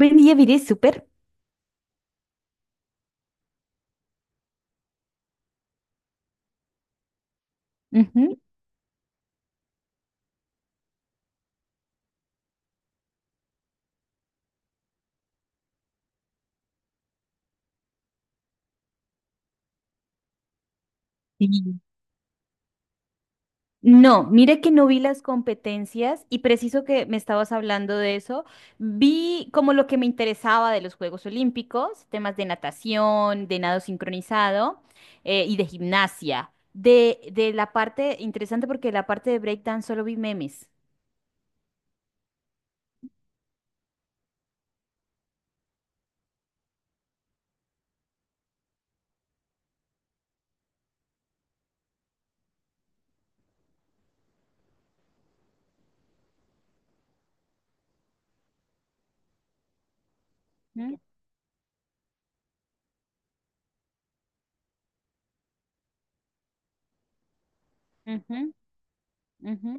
Vendía Viré Super. Ujú. Sí. No, mira que no vi las competencias y preciso que me estabas hablando de eso, vi como lo que me interesaba de los Juegos Olímpicos, temas de natación, de nado sincronizado y de gimnasia. De la parte interesante porque la parte de breakdance solo vi memes. Ujú, ujú, ujú.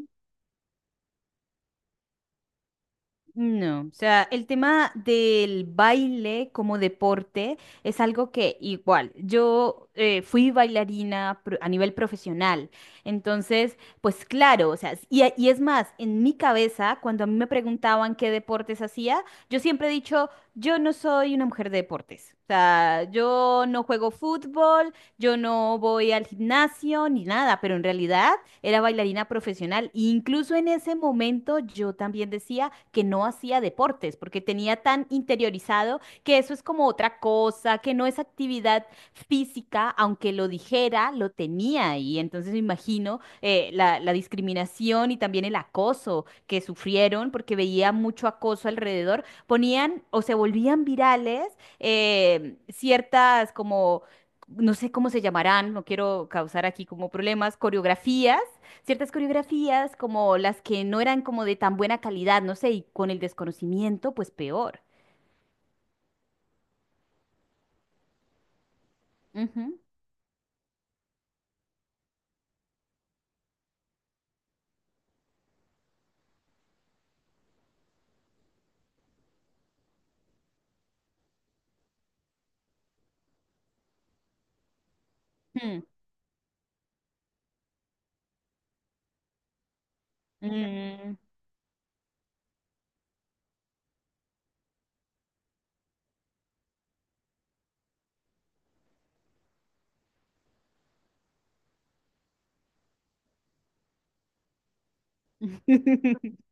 No, o sea, el tema del baile como deporte es algo que igual, yo fui bailarina a nivel profesional, entonces, pues claro, o sea, y, y es más, en mi cabeza, cuando a mí me preguntaban qué deportes hacía, yo siempre he dicho, yo no soy una mujer de deportes, o sea, yo no juego fútbol, yo no voy al gimnasio ni nada, pero en realidad era bailarina profesional. E incluso en ese momento yo también decía que no hacía deportes porque tenía tan interiorizado que eso es como otra cosa, que no es actividad física, aunque lo dijera, lo tenía ahí. Entonces me imagino la discriminación y también el acoso que sufrieron porque veía mucho acoso alrededor, ponían o se volvían virales ciertas como no sé cómo se llamarán, no quiero causar aquí como problemas, coreografías, ciertas coreografías como las que no eran como de tan buena calidad, no sé, y con el desconocimiento, pues peor. Ujú. Mm. Mm.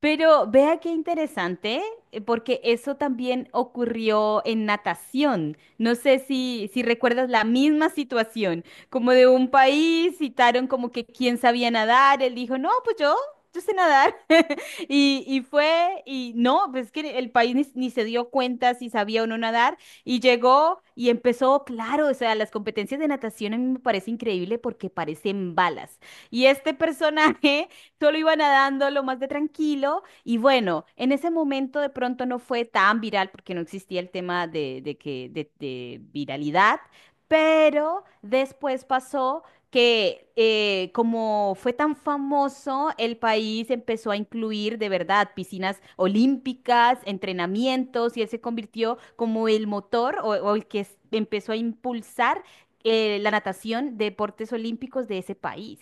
Pero vea qué interesante, porque eso también ocurrió en natación. No sé si recuerdas la misma situación, como de un país, citaron como que quién sabía nadar, él dijo, no, pues yo sé nadar. Y no, pues es que el país ni se dio cuenta si sabía o no nadar, y llegó y empezó, claro, o sea, las competencias de natación a mí me parece increíble porque parecen balas. Y este personaje. Solo iba nadando lo más de tranquilo y bueno, en ese momento de pronto no fue tan viral porque no existía el tema de viralidad, pero después pasó que como fue tan famoso, el país empezó a incluir de verdad piscinas olímpicas, entrenamientos y él se convirtió como el motor o el que empezó a impulsar la natación, deportes olímpicos de ese país.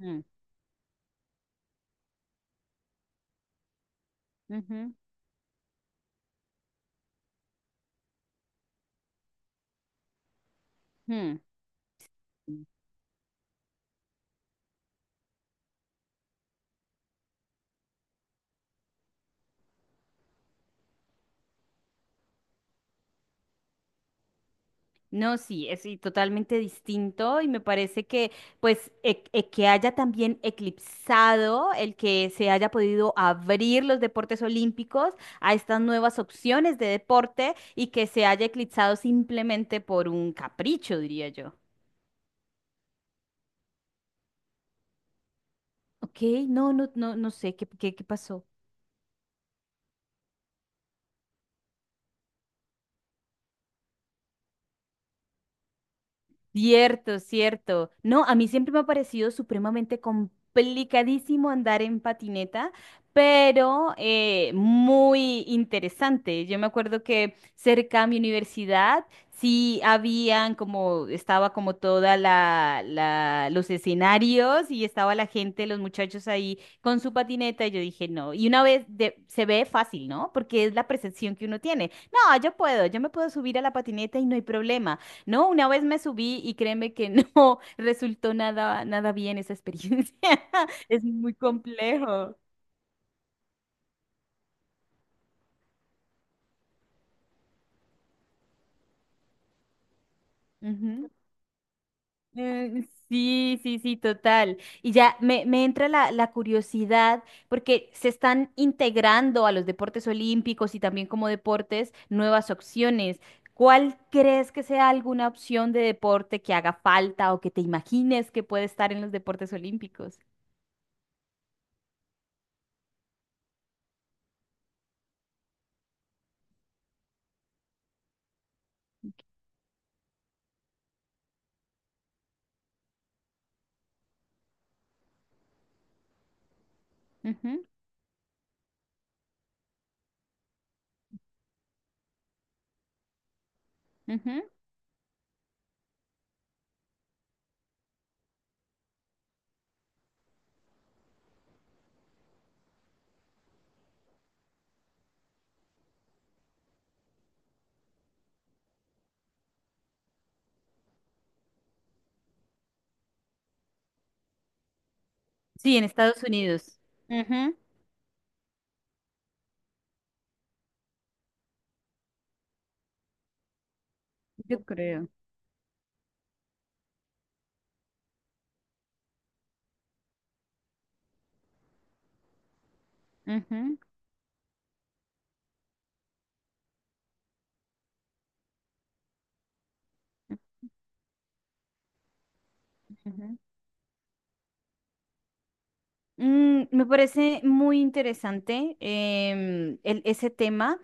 Mm, ujú, mm. No, sí, es sí, totalmente distinto y me parece que pues que haya también eclipsado el que se haya podido abrir los deportes olímpicos a estas nuevas opciones de deporte y que se haya eclipsado simplemente por un capricho, diría yo. Ok, no, no, no, no sé qué pasó. Cierto, cierto. No, a mí siempre me ha parecido supremamente complicadísimo andar en patineta, pero muy interesante. Yo me acuerdo que cerca a mi universidad sí habían como, estaba como toda los escenarios y estaba la gente, los muchachos ahí con su patineta y yo dije, no. Y una vez se ve fácil, ¿no? Porque es la percepción que uno tiene. No, yo puedo, yo me puedo subir a la patineta y no hay problema. No, una vez me subí y créeme que no resultó nada bien esa experiencia. Es muy complejo. Ujú. Sí, sí, sí, total. Y ya me entra la curiosidad porque se están integrando a los deportes olímpicos y también como deportes nuevas opciones. ¿Cuál crees que sea alguna opción de deporte que haga falta o que te imagines que puede estar en los deportes olímpicos? Ujú, ujú. Sí, en Estados Unidos. Yo creo. Ujú, ujú. Mm, me parece muy interesante ese tema.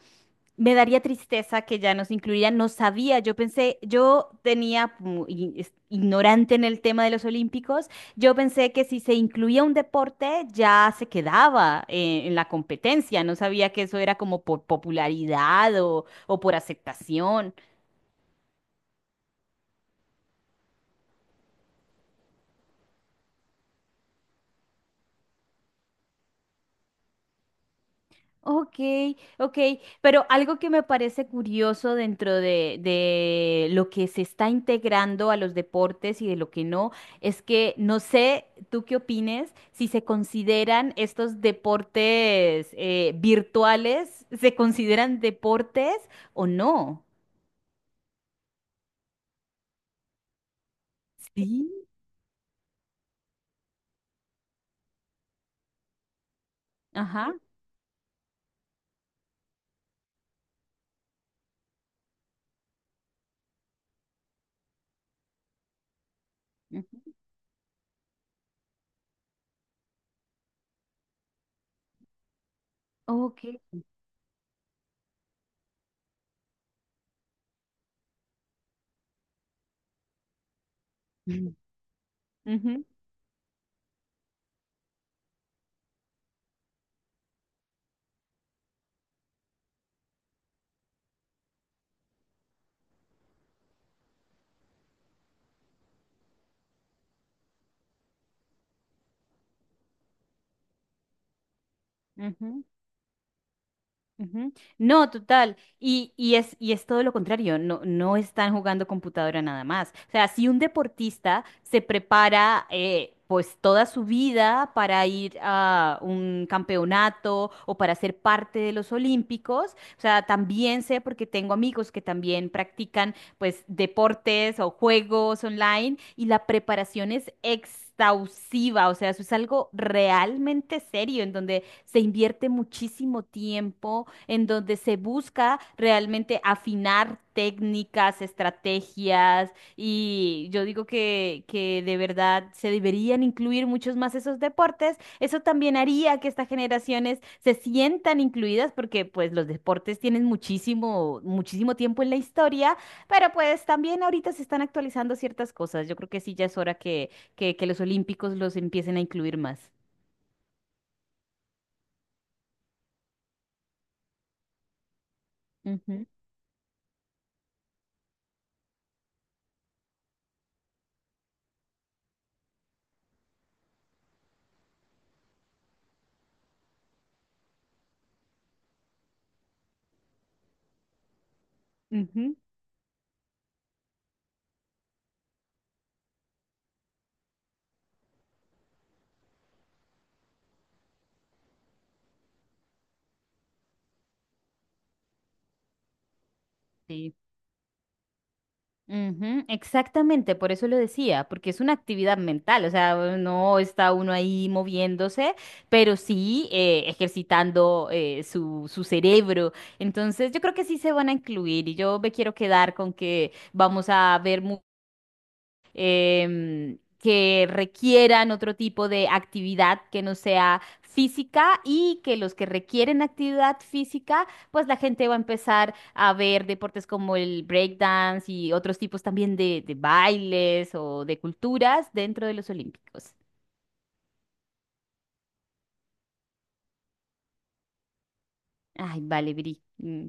Me daría tristeza que ya nos incluyeran. No sabía, yo pensé, yo tenía, como ignorante en el tema de los olímpicos, yo pensé que si se incluía un deporte ya se quedaba en la competencia. No sabía que eso era como por popularidad o por aceptación. Ok, ok, pero algo que me parece curioso dentro de lo que se está integrando a los deportes y de lo que no, es que no sé, tú qué opines, si se consideran estos deportes virtuales, ¿se consideran deportes o no? Sí. Ajá. Ujú. Ok. Ujú, ujú. Ujú. No, total. Y es todo lo contrario, no, no están jugando computadora nada más. O sea, si un deportista se prepara pues toda su vida para ir a un campeonato o para ser parte de los Olímpicos, o sea, también sé porque tengo amigos que también practican pues deportes o juegos online y la preparación es exhaustiva, o sea, eso es algo realmente serio en donde se invierte muchísimo tiempo en donde se busca realmente afinar técnicas, estrategias y yo digo que de verdad se deberían incluir muchos más esos deportes. Eso también haría que estas generaciones se sientan incluidas porque pues los deportes tienen muchísimo, muchísimo tiempo en la historia, pero pues también ahorita se están actualizando ciertas cosas. Yo creo que sí ya es hora que los olímpicos los empiecen a incluir más. Ujú, ujú. Sí. Ujú, exactamente, por eso lo decía, porque es una actividad mental, o sea, no está uno ahí moviéndose, pero sí ejercitando su cerebro. Entonces, yo creo que sí se van a incluir y yo me quiero quedar con que vamos a ver que requieran otro tipo de actividad que no sea física y que los que requieren actividad física, pues la gente va a empezar a ver deportes como el breakdance y otros tipos también de bailes o de culturas dentro de los olímpicos. Ay, vale, Viri. Mm.